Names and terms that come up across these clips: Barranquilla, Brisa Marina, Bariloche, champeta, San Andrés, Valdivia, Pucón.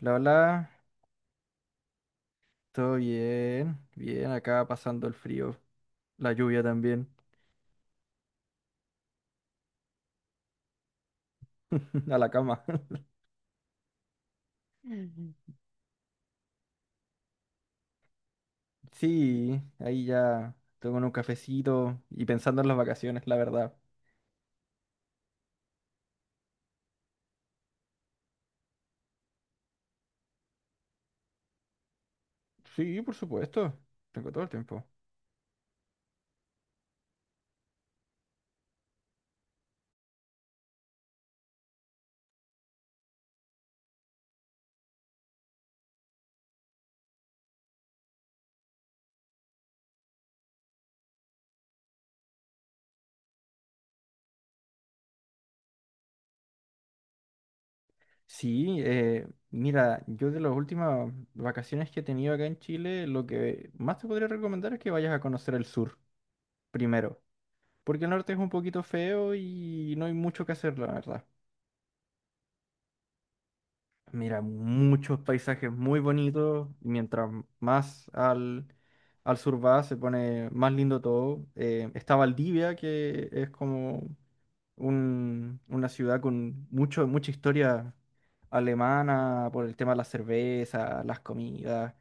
La hola, todo bien, bien, acá pasando el frío, la lluvia también. A la cama. Ujú. Sí, ahí ya tengo un cafecito y pensando en las vacaciones, la verdad. Sí, por supuesto, tengo todo el tiempo. Sí, mira, yo de las últimas vacaciones que he tenido acá en Chile, lo que más te podría recomendar es que vayas a conocer el sur primero, porque el norte es un poquito feo y no hay mucho que hacer, la verdad. Mira, muchos paisajes muy bonitos y mientras más al, al sur va, se pone más lindo todo. Está Valdivia, que es como una ciudad con mucha historia alemana por el tema de la cerveza, las comidas.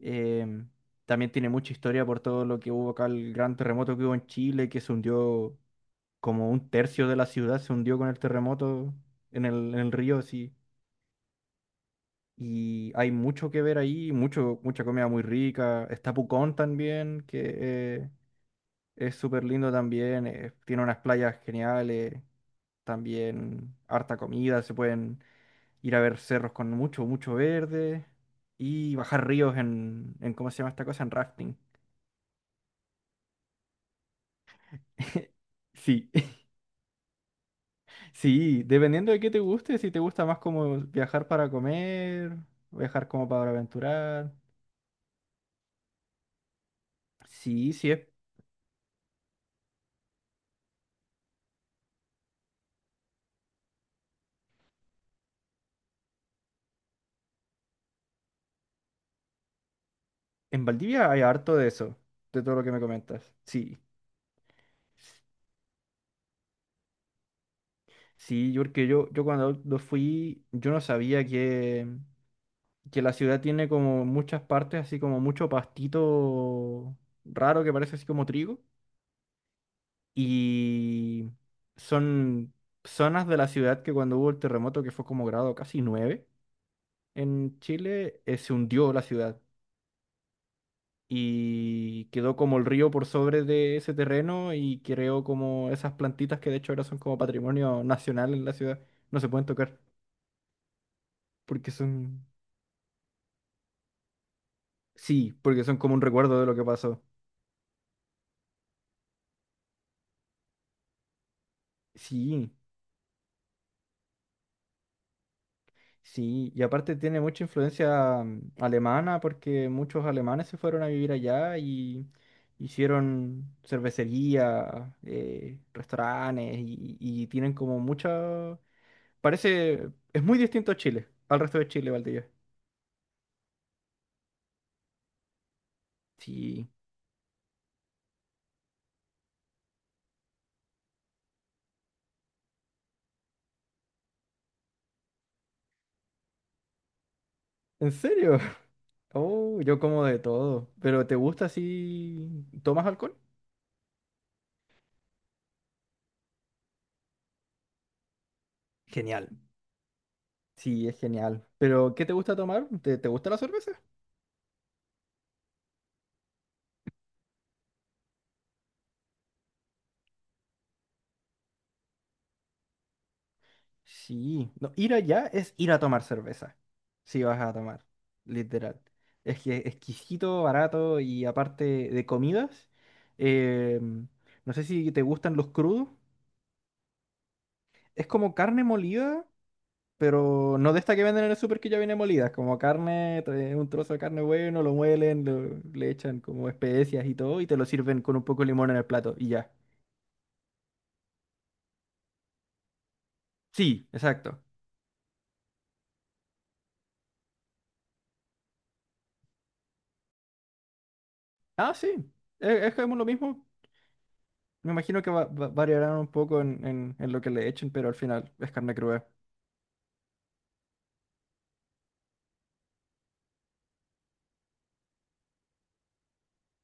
Eh, también tiene mucha historia por todo lo que hubo acá, el gran terremoto que hubo en Chile, que se hundió como un tercio de la ciudad, se hundió con el terremoto en el río, así. Y hay mucho que ver ahí, mucha comida muy rica. Está Pucón también, que eh, es súper lindo también. Eh, tiene unas playas geniales, también harta comida. Se pueden ir a ver cerros con mucho verde y bajar ríos en, ¿cómo se llama esta cosa? En rafting. Sí, sí, dependiendo de qué te guste, si te gusta más como viajar para comer, viajar como para aventurar. Sí, sí, es. En Valdivia hay harto de eso, de todo lo que me comentas. Sí, sí, yo porque yo cuando lo fui, yo no sabía que la ciudad tiene como muchas partes, así como mucho pastito raro que parece así como trigo. Y son zonas de la ciudad que cuando hubo el terremoto, que fue como grado casi 9 en Chile, se hundió la ciudad. Y quedó como el río por sobre de ese terreno y creó como esas plantitas que de hecho ahora son como patrimonio nacional en la ciudad. No se pueden tocar porque son, sí, porque son como un recuerdo de lo que pasó. Sí, sí, y aparte tiene mucha influencia alemana porque muchos alemanes se fueron a vivir allá y hicieron cervecería, restaurantes y tienen como mucha... Parece, es muy distinto a Chile, al resto de Chile, Valdivia. Sí. ¿En serio? Oh, yo como de todo. ¿Pero te gusta si tomas alcohol? Genial. Sí, es genial. ¿Pero qué te gusta tomar? ¿Te gusta la cerveza? Sí. No, ir allá es ir a tomar cerveza. Si vas a tomar, literal. Es que exquisito, barato y aparte de comidas, em, no sé si te gustan los crudos. Es como carne molida, pero no de esta que venden en el súper que ya viene molida, como carne, trae un trozo de carne bueno, lo muelen, le echan como especias y todo, y te lo sirven con un poco de limón en el plato, y ya. Sí, exacto. Ah, sí, es como lo mismo. Me imagino que variarán un poco en lo que le echen, pero al final es carne cruda.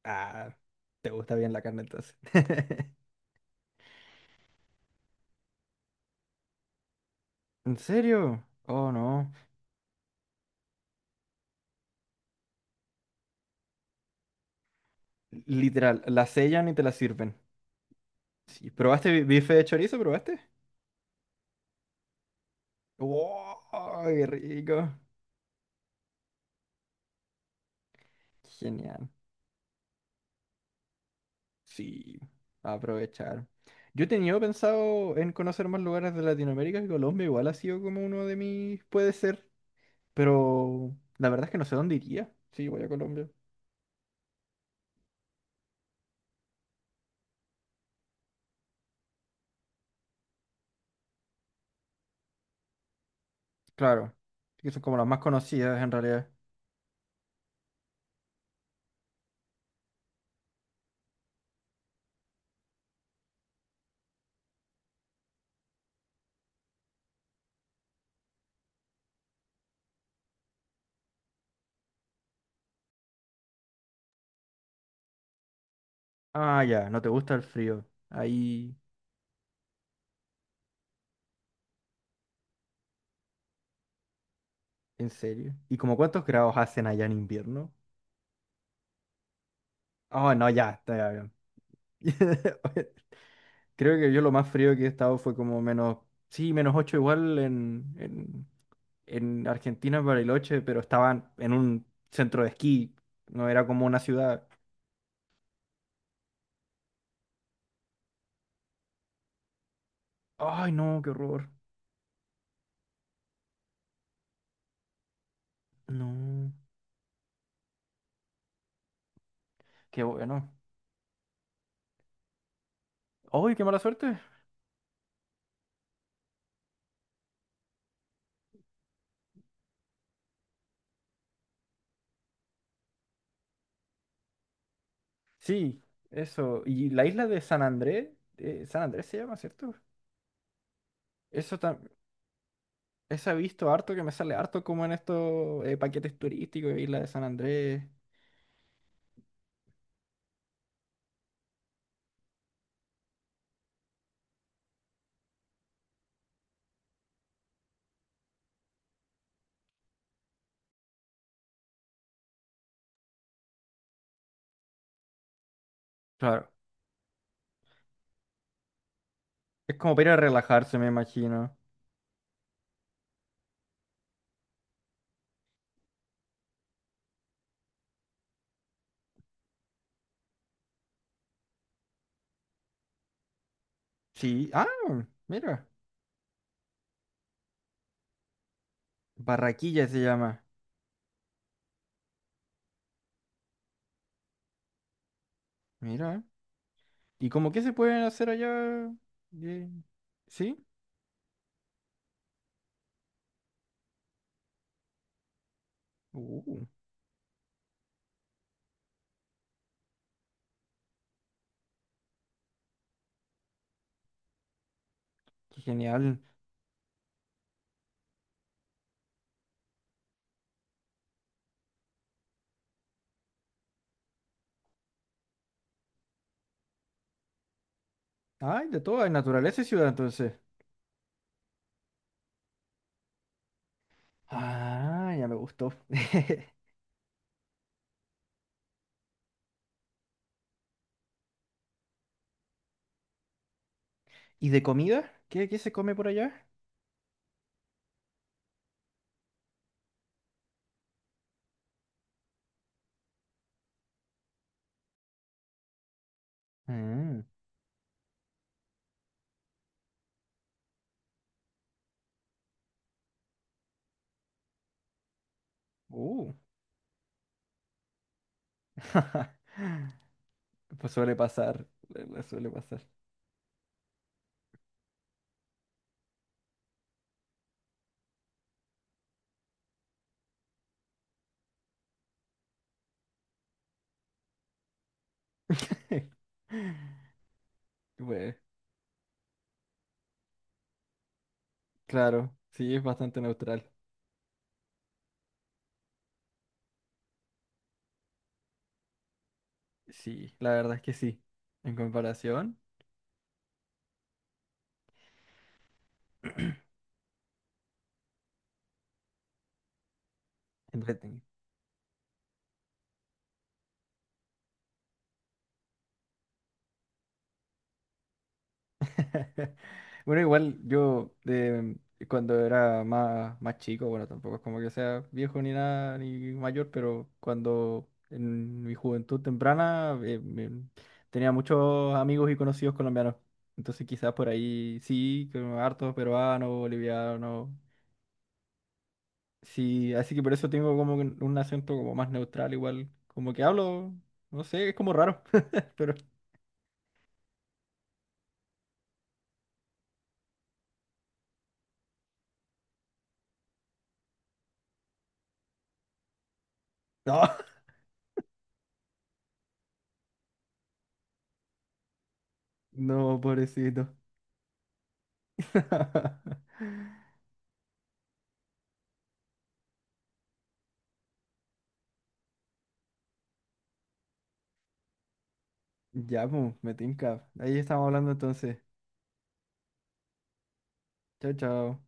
Ah, te gusta bien la carne entonces. ¿En serio? Oh, no. Literal, la sellan y te la sirven. Sí, ¿probaste bife de chorizo? ¿Probaste? ¡Wow! ¡Qué rico! Genial. Sí, a aprovechar. Yo he tenido pensado en conocer más lugares de Latinoamérica, que Colombia igual ha sido como uno de mis, puede ser, pero la verdad es que no sé dónde iría. Sí, voy a Colombia. Claro, que son como las más conocidas en realidad. Ah, ya, no te gusta el frío. Ahí, en serio. ¿Y como cuántos grados hacen allá en invierno? Oh, no, ya, está ya bien. Creo que yo lo más frío que he estado fue como menos, sí, menos 8 igual en en Argentina, en Bariloche, pero estaban en un centro de esquí. No era como una ciudad. Ay, no, qué horror. No, qué bueno. Ay, qué mala suerte. Sí, eso. Y la isla de San Andrés, San Andrés se llama, ¿cierto? Eso también. Esa he visto harto que me sale harto como en estos paquetes turísticos, Isla de San Andrés. Claro. Es como para ir a relajarse, me imagino. Sí. Ah, mira. Barraquilla se llama. Mira. ¿Y cómo qué se pueden hacer allá? Eh, ¿Sí? Uh, qué genial. Ay, de todo, hay naturaleza y ciudad entonces. Ah, ya me gustó. ¿Y de comida? ¿Qué se come por allá? Mm, uh. Pues suele pasar, le suele pasar. Bueno, claro, sí, es bastante neutral. Sí, la verdad es que sí. En comparación, entreten- Bueno, igual yo cuando era más, más chico, bueno, tampoco es como que sea viejo ni nada, ni mayor, pero cuando en mi juventud temprana tenía muchos amigos y conocidos colombianos. Entonces quizás por ahí sí, que hartos peruanos, bolivianos. Sí, así que por eso tengo como que un acento como más neutral, igual. Como que hablo, no sé, es como raro, pero no, no, pobrecito. Ya, pues, me tinca. Ahí estamos hablando entonces. Chao, chao.